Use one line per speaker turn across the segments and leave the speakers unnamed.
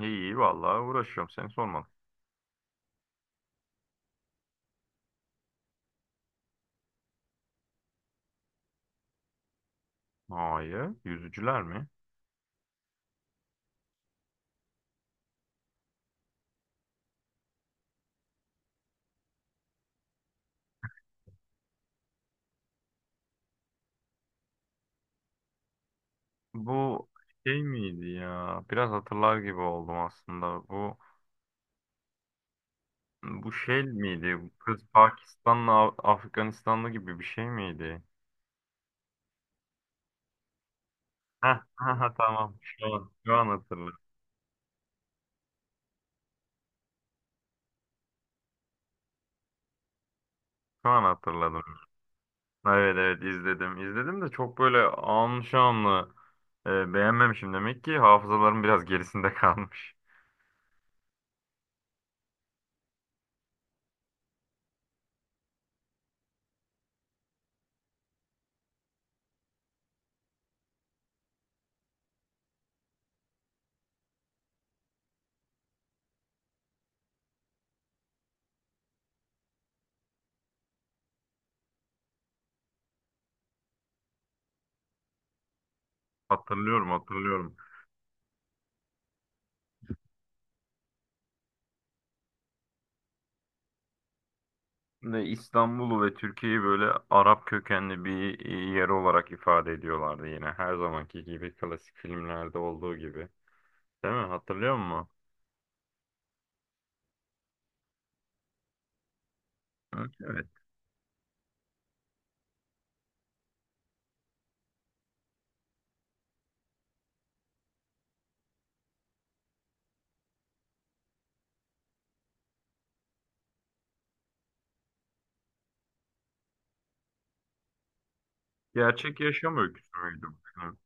İyi vallahi uğraşıyorum, seni sormadım. Hayır, yüzücüler mi? Bu şey miydi ya? Biraz hatırlar gibi oldum aslında. Bu şey miydi? Bu kız Pakistanlı, Afganistanlı gibi bir şey miydi? Heh, ha tamam. Şu an hatırladım. Şu an hatırladım. Evet izledim. İzledim de çok böyle anlı şanlı beğenmemişim demek ki hafızalarım biraz gerisinde kalmış. Hatırlıyorum, hatırlıyorum. Ne İstanbul'u ve Türkiye'yi böyle Arap kökenli bir yer olarak ifade ediyorlardı yine. Her zamanki gibi klasik filmlerde olduğu gibi. Değil mi? Hatırlıyor musun? Evet, evet. Gerçek yaşam öyküsü müydü bu film?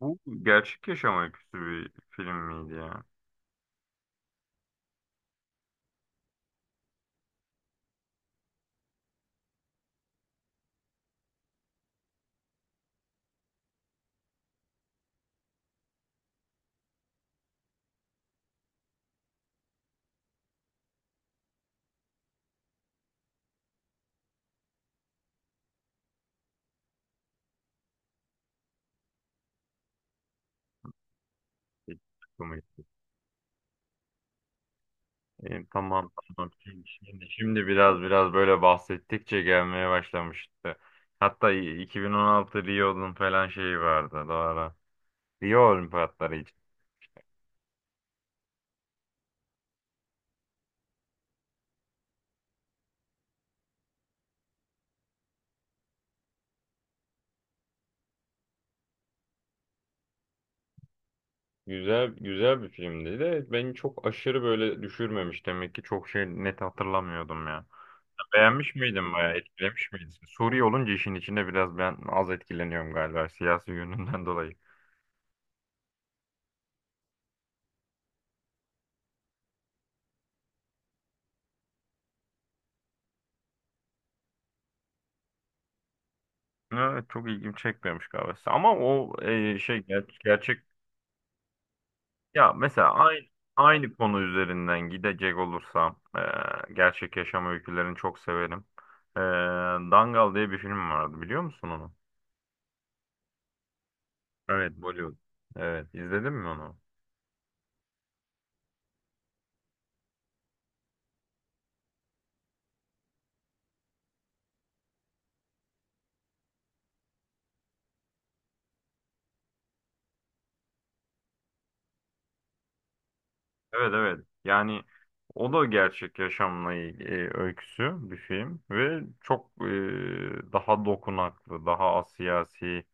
Bu gerçek yaşam öyküsü bir film miydi ya? Hiç çıkmadı. E, tamam. Şimdi biraz böyle bahsettikçe gelmeye başlamıştı. Hatta 2016 Rio'nun falan şeyi vardı. Doğru. Rio Olimpiyatları. Güzel, güzel bir filmdi de beni çok aşırı böyle düşürmemiş demek ki çok şey, net hatırlamıyordum ya. Beğenmiş miydin, bayağı etkilemiş miydin? Suriye olunca işin içinde biraz ben az etkileniyorum galiba siyasi yönünden dolayı. Evet, çok ilgimi çekmemiş galiba. Ama o şey, gerçek ya. Mesela aynı konu üzerinden gidecek olursam gerçek yaşam öykülerini çok severim. E, Dangal diye bir film vardı, biliyor musun onu? Evet, Bollywood. Evet, izledin mi onu? Evet, evet. Yani o da gerçek yaşamla ilgili öyküsü bir film ve çok daha dokunaklı, daha asiyasi.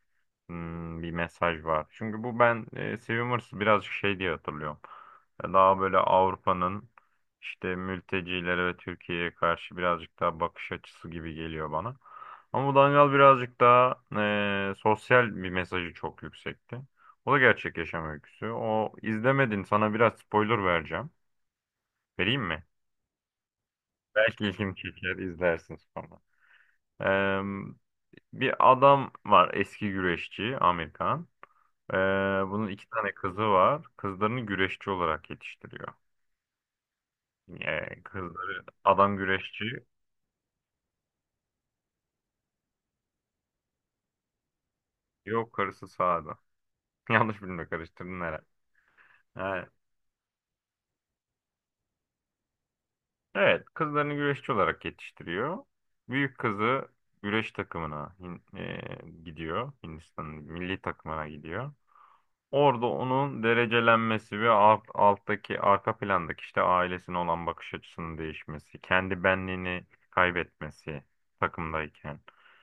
Bir mesaj var. Çünkü bu ben Swimmers'ı birazcık şey diye hatırlıyorum. Daha böyle Avrupa'nın işte mültecilere ve Türkiye'ye karşı birazcık daha bakış açısı gibi geliyor bana. Ama bu Dangal birazcık daha sosyal bir mesajı çok yüksekti. O da gerçek yaşam öyküsü. O izlemedin. Sana biraz spoiler vereceğim. Vereyim mi? Belki ilgini çeker, izlersin sonra. Eee, bir adam var, eski güreşçi Amerikan. Ee, bunun iki tane kızı var. Kızlarını güreşçi olarak yetiştiriyor. Kızları adam güreşçi. Yok, karısı sağda. Yanlış bilme, karıştırdın herhalde. Ee, evet, kızlarını güreşçi olarak yetiştiriyor. Büyük kızı güreş takımına gidiyor. Hindistan'ın milli takımına gidiyor. Orada onun derecelenmesi ve alttaki arka plandaki işte ailesine olan bakış açısının değişmesi, kendi benliğini kaybetmesi takımdayken.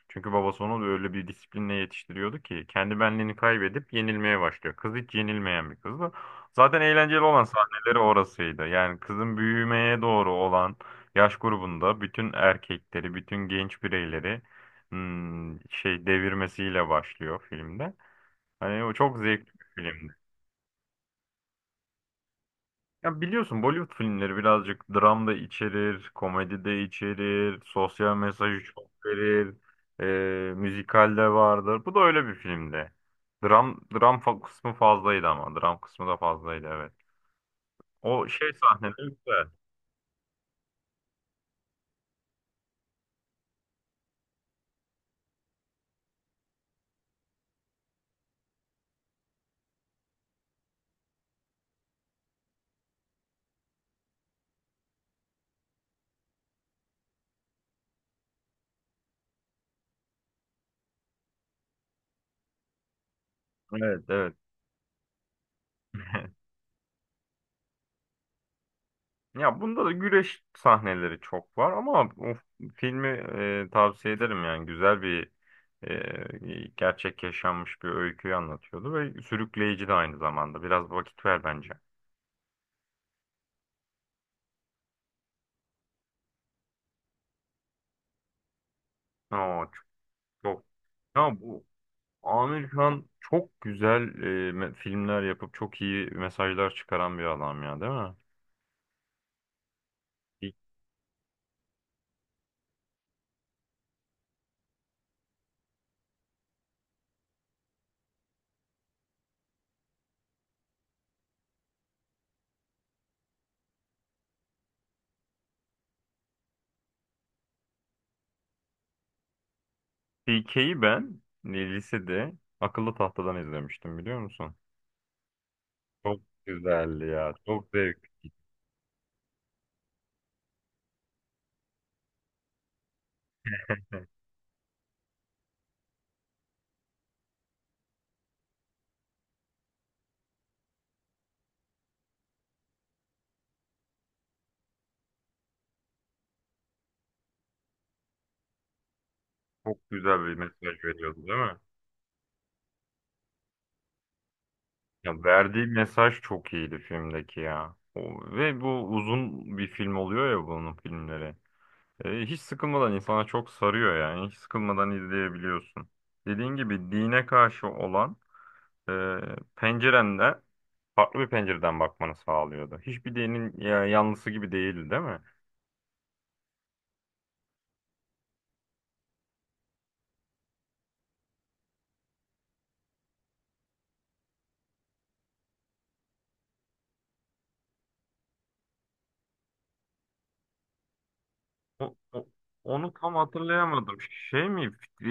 Çünkü babası onu da öyle bir disiplinle yetiştiriyordu ki kendi benliğini kaybedip yenilmeye başlıyor. Kız hiç yenilmeyen bir kızdı. Zaten eğlenceli olan sahneleri orasıydı. Yani kızın büyümeye doğru olan yaş grubunda bütün erkekleri, bütün genç bireyleri şey devirmesiyle başlıyor filmde. Hani o çok zevkli bir filmdi. Ya biliyorsun, Bollywood filmleri birazcık dram da içerir, komedi de içerir, sosyal mesajı çok verir, müzikal de vardır. Bu da öyle bir filmdi. Kısmı fazlaydı ama. Dram kısmı da fazlaydı, evet. O şey sahneleri güzel. Evet, evet. Ya bunda da güreş sahneleri çok var ama o filmi tavsiye ederim, yani güzel bir gerçek yaşanmış bir öyküyü anlatıyordu ve sürükleyici de aynı zamanda. Biraz vakit ver bence. Aa, çok. Ya bu Amir Khan çok güzel filmler yapıp çok iyi mesajlar çıkaran bir adam ya, değil mi? PK'yi ben lisede akıllı tahtadan izlemiştim, biliyor musun? Çok güzeldi ya. Çok zevk. Çok güzel bir mesaj veriyordu, değil mi? Ya verdiği mesaj çok iyiydi filmdeki ya. Ve bu uzun bir film oluyor ya, bunun filmleri. E, hiç sıkılmadan insana çok sarıyor yani. Hiç sıkılmadan izleyebiliyorsun. Dediğin gibi dine karşı olan e, pencerende farklı bir pencereden bakmanı sağlıyordu. Hiçbir dinin ya, yanlısı gibi değildi değil mi? O, o- onu tam hatırlayamadım. Şey mi? e,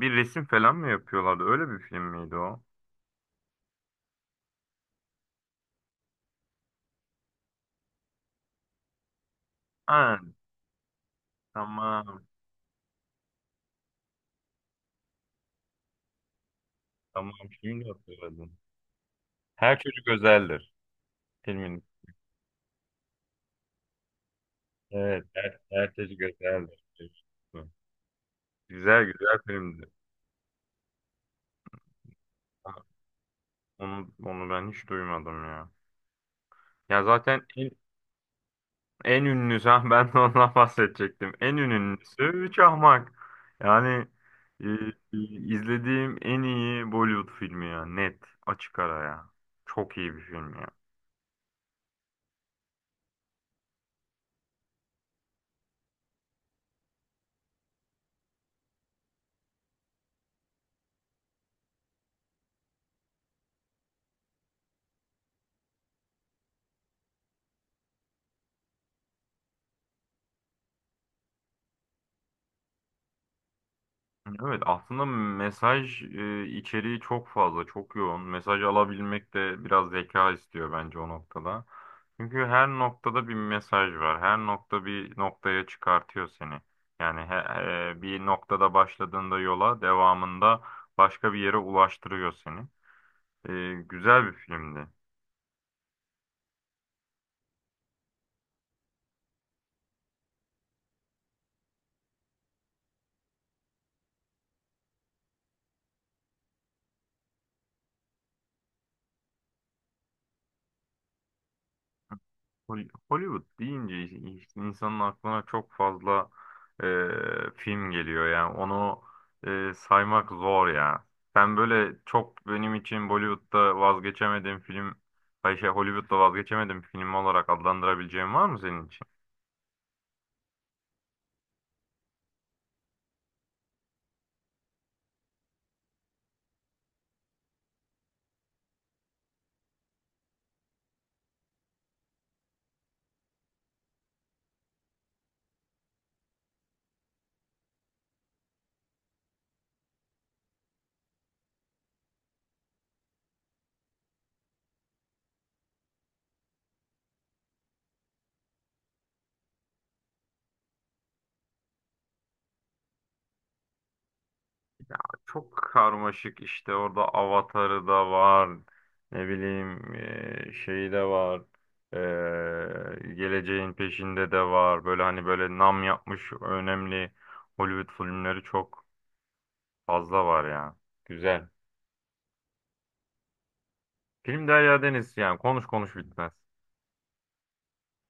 bir resim falan mı yapıyorlardı? Öyle bir film miydi o? Ha, tamam. Tamam. Şimdi hatırladım. Her çocuk özeldir. Filmin. Evet. Her çocuk özeldir. Güzel, güzel filmdi. Onu ben hiç duymadım ya. Ya zaten en, en ünlüsü, ha, ben de ondan bahsedecektim. En ünlüsü Üç Ahmak. Yani e, e, izlediğim en iyi Bollywood filmi ya. Net, açık ara ya. Çok iyi bir film ya. Evet, aslında mesaj içeriği çok fazla, çok yoğun. Mesaj alabilmek de biraz zeka istiyor bence o noktada. Çünkü her noktada bir mesaj var. Her nokta bir noktaya çıkartıyor seni. Yani bir noktada başladığında yola devamında başka bir yere ulaştırıyor seni. E, güzel bir filmdi. Hollywood deyince insanın aklına çok fazla e, film geliyor, yani onu saymak zor ya. Ben böyle çok benim için Bollywood'da vazgeçemediğim film, ay şey, Hollywood'da vazgeçemediğim film olarak adlandırabileceğim var mı senin için? Çok karmaşık, işte orada avatarı da var. Ne bileyim şeyi de var. Geleceğin peşinde de var. Böyle hani böyle nam yapmış önemli Hollywood filmleri çok fazla var ya. Güzel. Film Derya Deniz, yani konuş konuş bitmez.